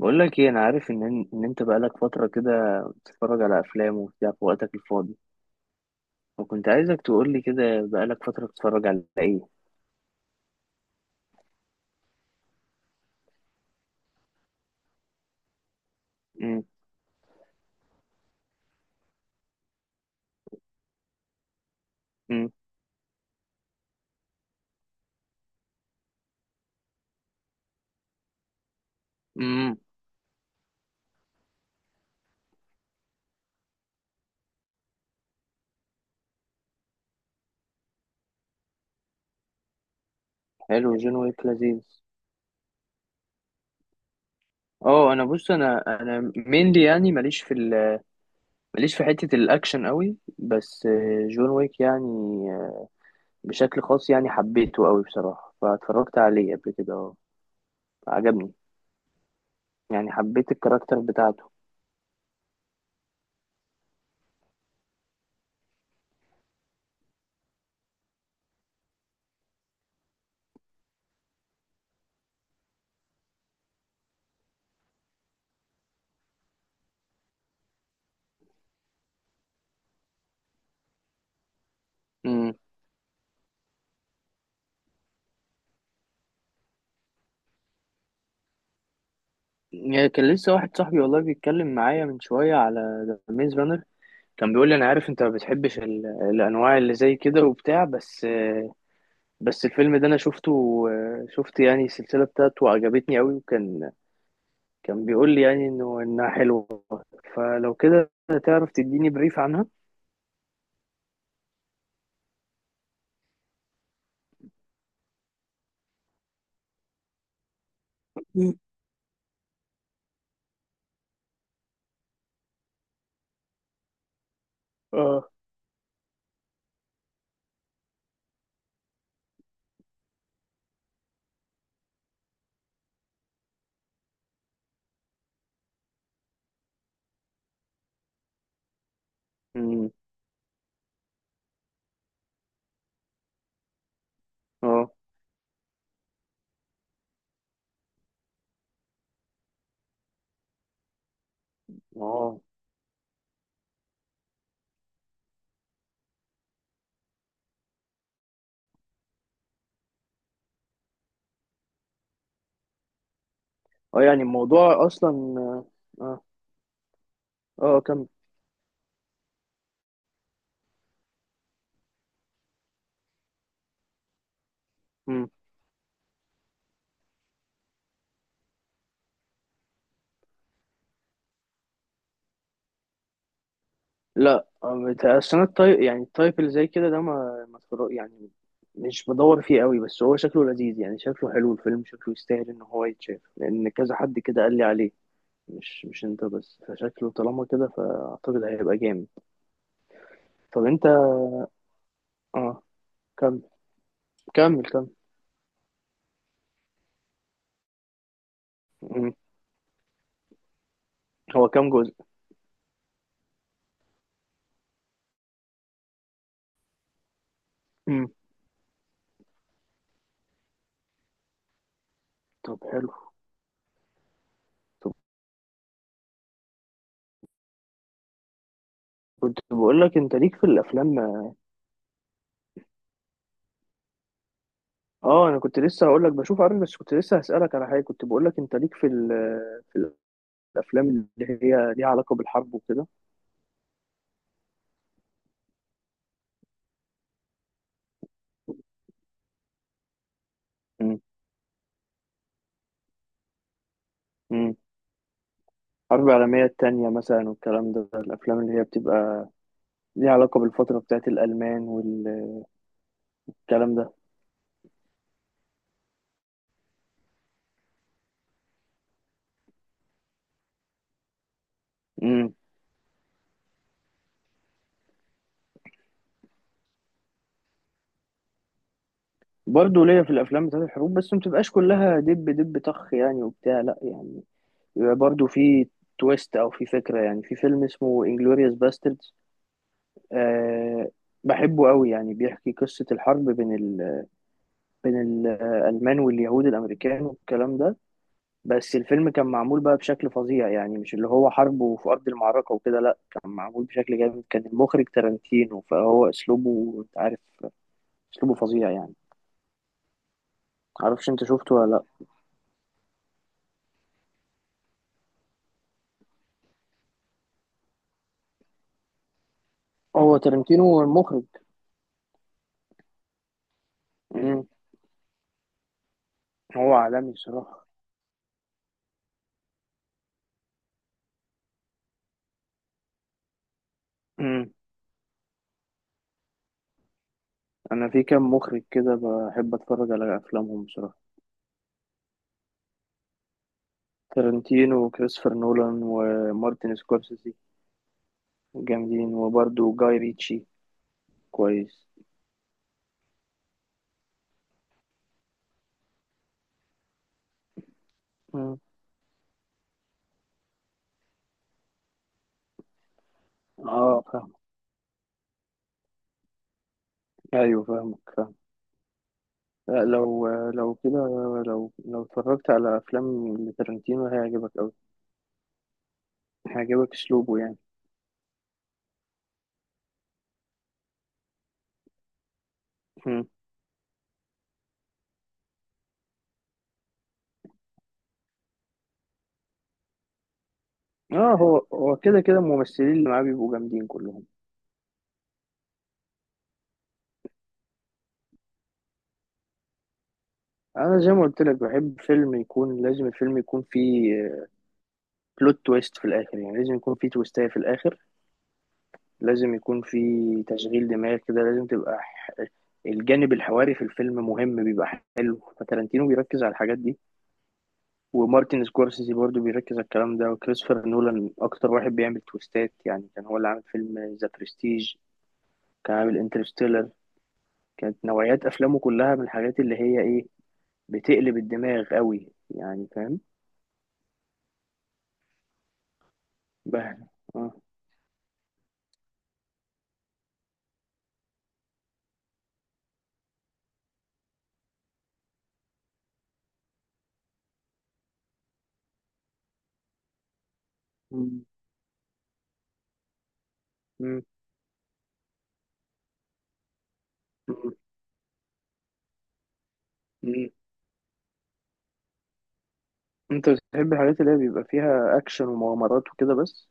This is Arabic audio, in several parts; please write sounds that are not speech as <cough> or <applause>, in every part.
بقول لك ايه، انا عارف ان انت بقالك فتره كده بتتفرج على افلام وبتاع في وقتك الفاضي، وكنت عايزك تقول لي كده بقالك فتره بتتفرج على ايه. امم. امم. امم. حلو، جون ويك لذيذ. اه، انا بص، انا مينلي، يعني ماليش في ماليش في حته الاكشن قوي، بس جون ويك يعني، آه، بشكل خاص يعني حبيته قوي بصراحه، فاتفرجت عليه قبل كده. اه، عجبني، يعني حبيت الكاركتر بتاعته. يعني كان لسه واحد صاحبي والله بيتكلم معايا من شوية على ذا ميز رانر، كان بيقول لي أنا عارف أنت ما بتحبش الأنواع اللي زي كده وبتاع، بس الفيلم ده أنا شفته، شفت يعني السلسلة بتاعته وعجبتني أوي. وكان بيقول لي يعني إنها حلوة. فلو كده، تعرف تديني بريف عنها؟ مم. اه. امم. اه، اه، اه، يعني الموضوع أصلا. اه. اه، كمل. لا، اصل انا التايب، يعني التايب اللي زي كده ده ما يعني مش بدور فيه قوي، بس هو شكله لذيذ، يعني شكله حلو، الفيلم شكله يستاهل ان هو يتشاف، لان كذا حد كده قال لي عليه، مش انت بس، فشكله طالما كده فاعتقد هيبقى جامد. طب انت، اه، كمل كمل كمل. مم. هو كام جزء؟ مم. طب حلو. طب، كنت بقول لك انت ليك في الافلام. اه، انا كنت لسه هقول لك بشوف، عارف، بس كنت لسه هسألك على حاجه، كنت بقول لك انت ليك في في الافلام اللي هي ليها علاقه بالحرب وكده. مم. مم. حرب العالميه التانية مثلا والكلام ده، الافلام اللي هي بتبقى ليها علاقه بالفتره بتاعت الالمان والكلام ده. مم. برضه ليا في الافلام بتاعت الحروب، بس ما بتبقاش كلها دب دب طخ يعني وبتاع، لا، يعني بيبقى برضه في تويست او في فكره. يعني في فيلم اسمه انجلوريوس باستردز، أه، بحبه قوي، يعني بيحكي قصه الحرب بين بين الالمان واليهود الامريكان والكلام ده، بس الفيلم كان معمول بقى بشكل فظيع، يعني مش اللي هو حرب وفي أرض المعركة وكده، لأ، كان معمول بشكل جامد، كان المخرج تارانتينو، فهو أسلوبه أنت عارف، أسلوبه فظيع يعني. معرفش أنت شفته ولا لأ. هو تارانتينو هو المخرج. مم. هو عالمي بصراحة. مم. أنا في كام مخرج كده بحب أتفرج على أفلامهم بصراحة. تارانتينو وكريستوفر نولان ومارتن سكورسيزي، جامدين، وبرده جاي ريتشي. كويس. مم. اه، فاهم. ايوه، فاهمك. لا، لو كده، لو اتفرجت على افلام لتارنتينو هيعجبك قوي، هيعجبك اسلوبه يعني. مم. اه، هو هو كده كده الممثلين اللي معاه بيبقوا جامدين كلهم. انا زي ما قلت لك بحب فيلم يكون، لازم الفيلم يكون فيه بلوت تويست في الاخر، يعني لازم يكون فيه تويستاية في الاخر، لازم يكون فيه تشغيل دماغ كده، لازم تبقى الجانب الحواري في الفيلم مهم، بيبقى حلو. فتارنتينو بيركز على الحاجات دي، ومارتن سكورسيزي برضو بيركز على الكلام ده، وكريستوفر نولان اكتر واحد بيعمل تويستات، يعني كان هو اللي عامل فيلم ذا برستيج، كان عامل انترستيلر، كانت نوعيات افلامه كلها من الحاجات اللي هي ايه، بتقلب الدماغ قوي يعني، فاهم؟ بهنا. اه. مم. مم. مم. مم. انت بتحب الحاجات اللي هي بيبقى فيها اكشن ومغامرات وكده بس.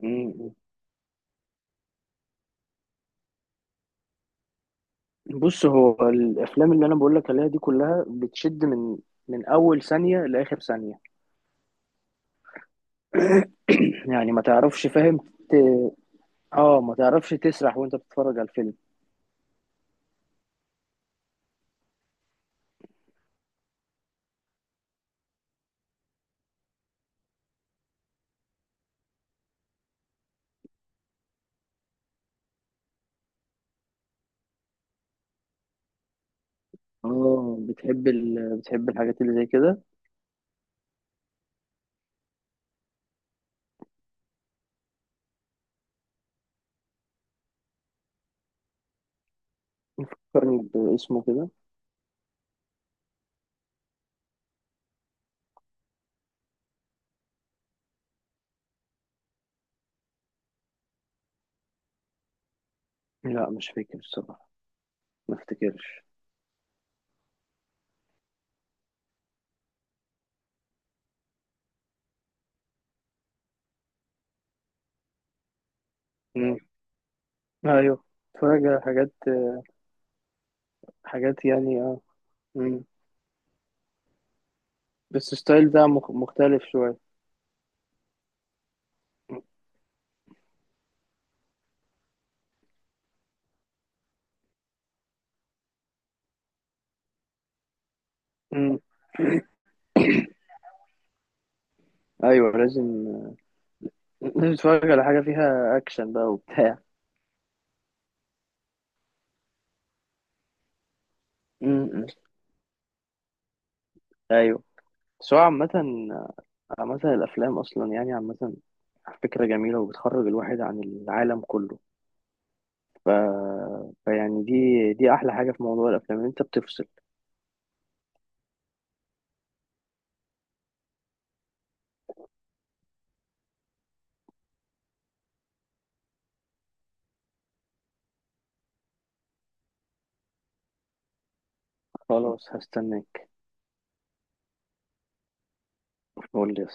مم. بص، هو الافلام اللي انا بقول لك عليها دي كلها بتشد من اول ثانية لاخر ثانية. <clears throat> يعني ما تعرفش، فاهم، اه، ما تعرفش تسرح وانت بتتفرج على الفيلم. اه، بتحب بتحب الحاجات اللي زي كده. فكرني باسمه كده. لا، مش فاكر الصراحة، ما افتكرش. مم. ايوه، بتفرج على حاجات، حاجات يعني، اه. مم. بس الستايل ده مختلف شوية. مم. ايوه لازم. <laughs> لازم تتفرج على حاجة فيها اكشن بقى وبتاع. مم. ايوه، بس هو عامة، عامة الافلام اصلا يعني، عامة فكرة جميلة وبتخرج الواحد عن العالم كله. ف... فيعني، دي احلى حاجه في موضوع الافلام، إن انت بتفصل. خلاص، هستناك. قول لي.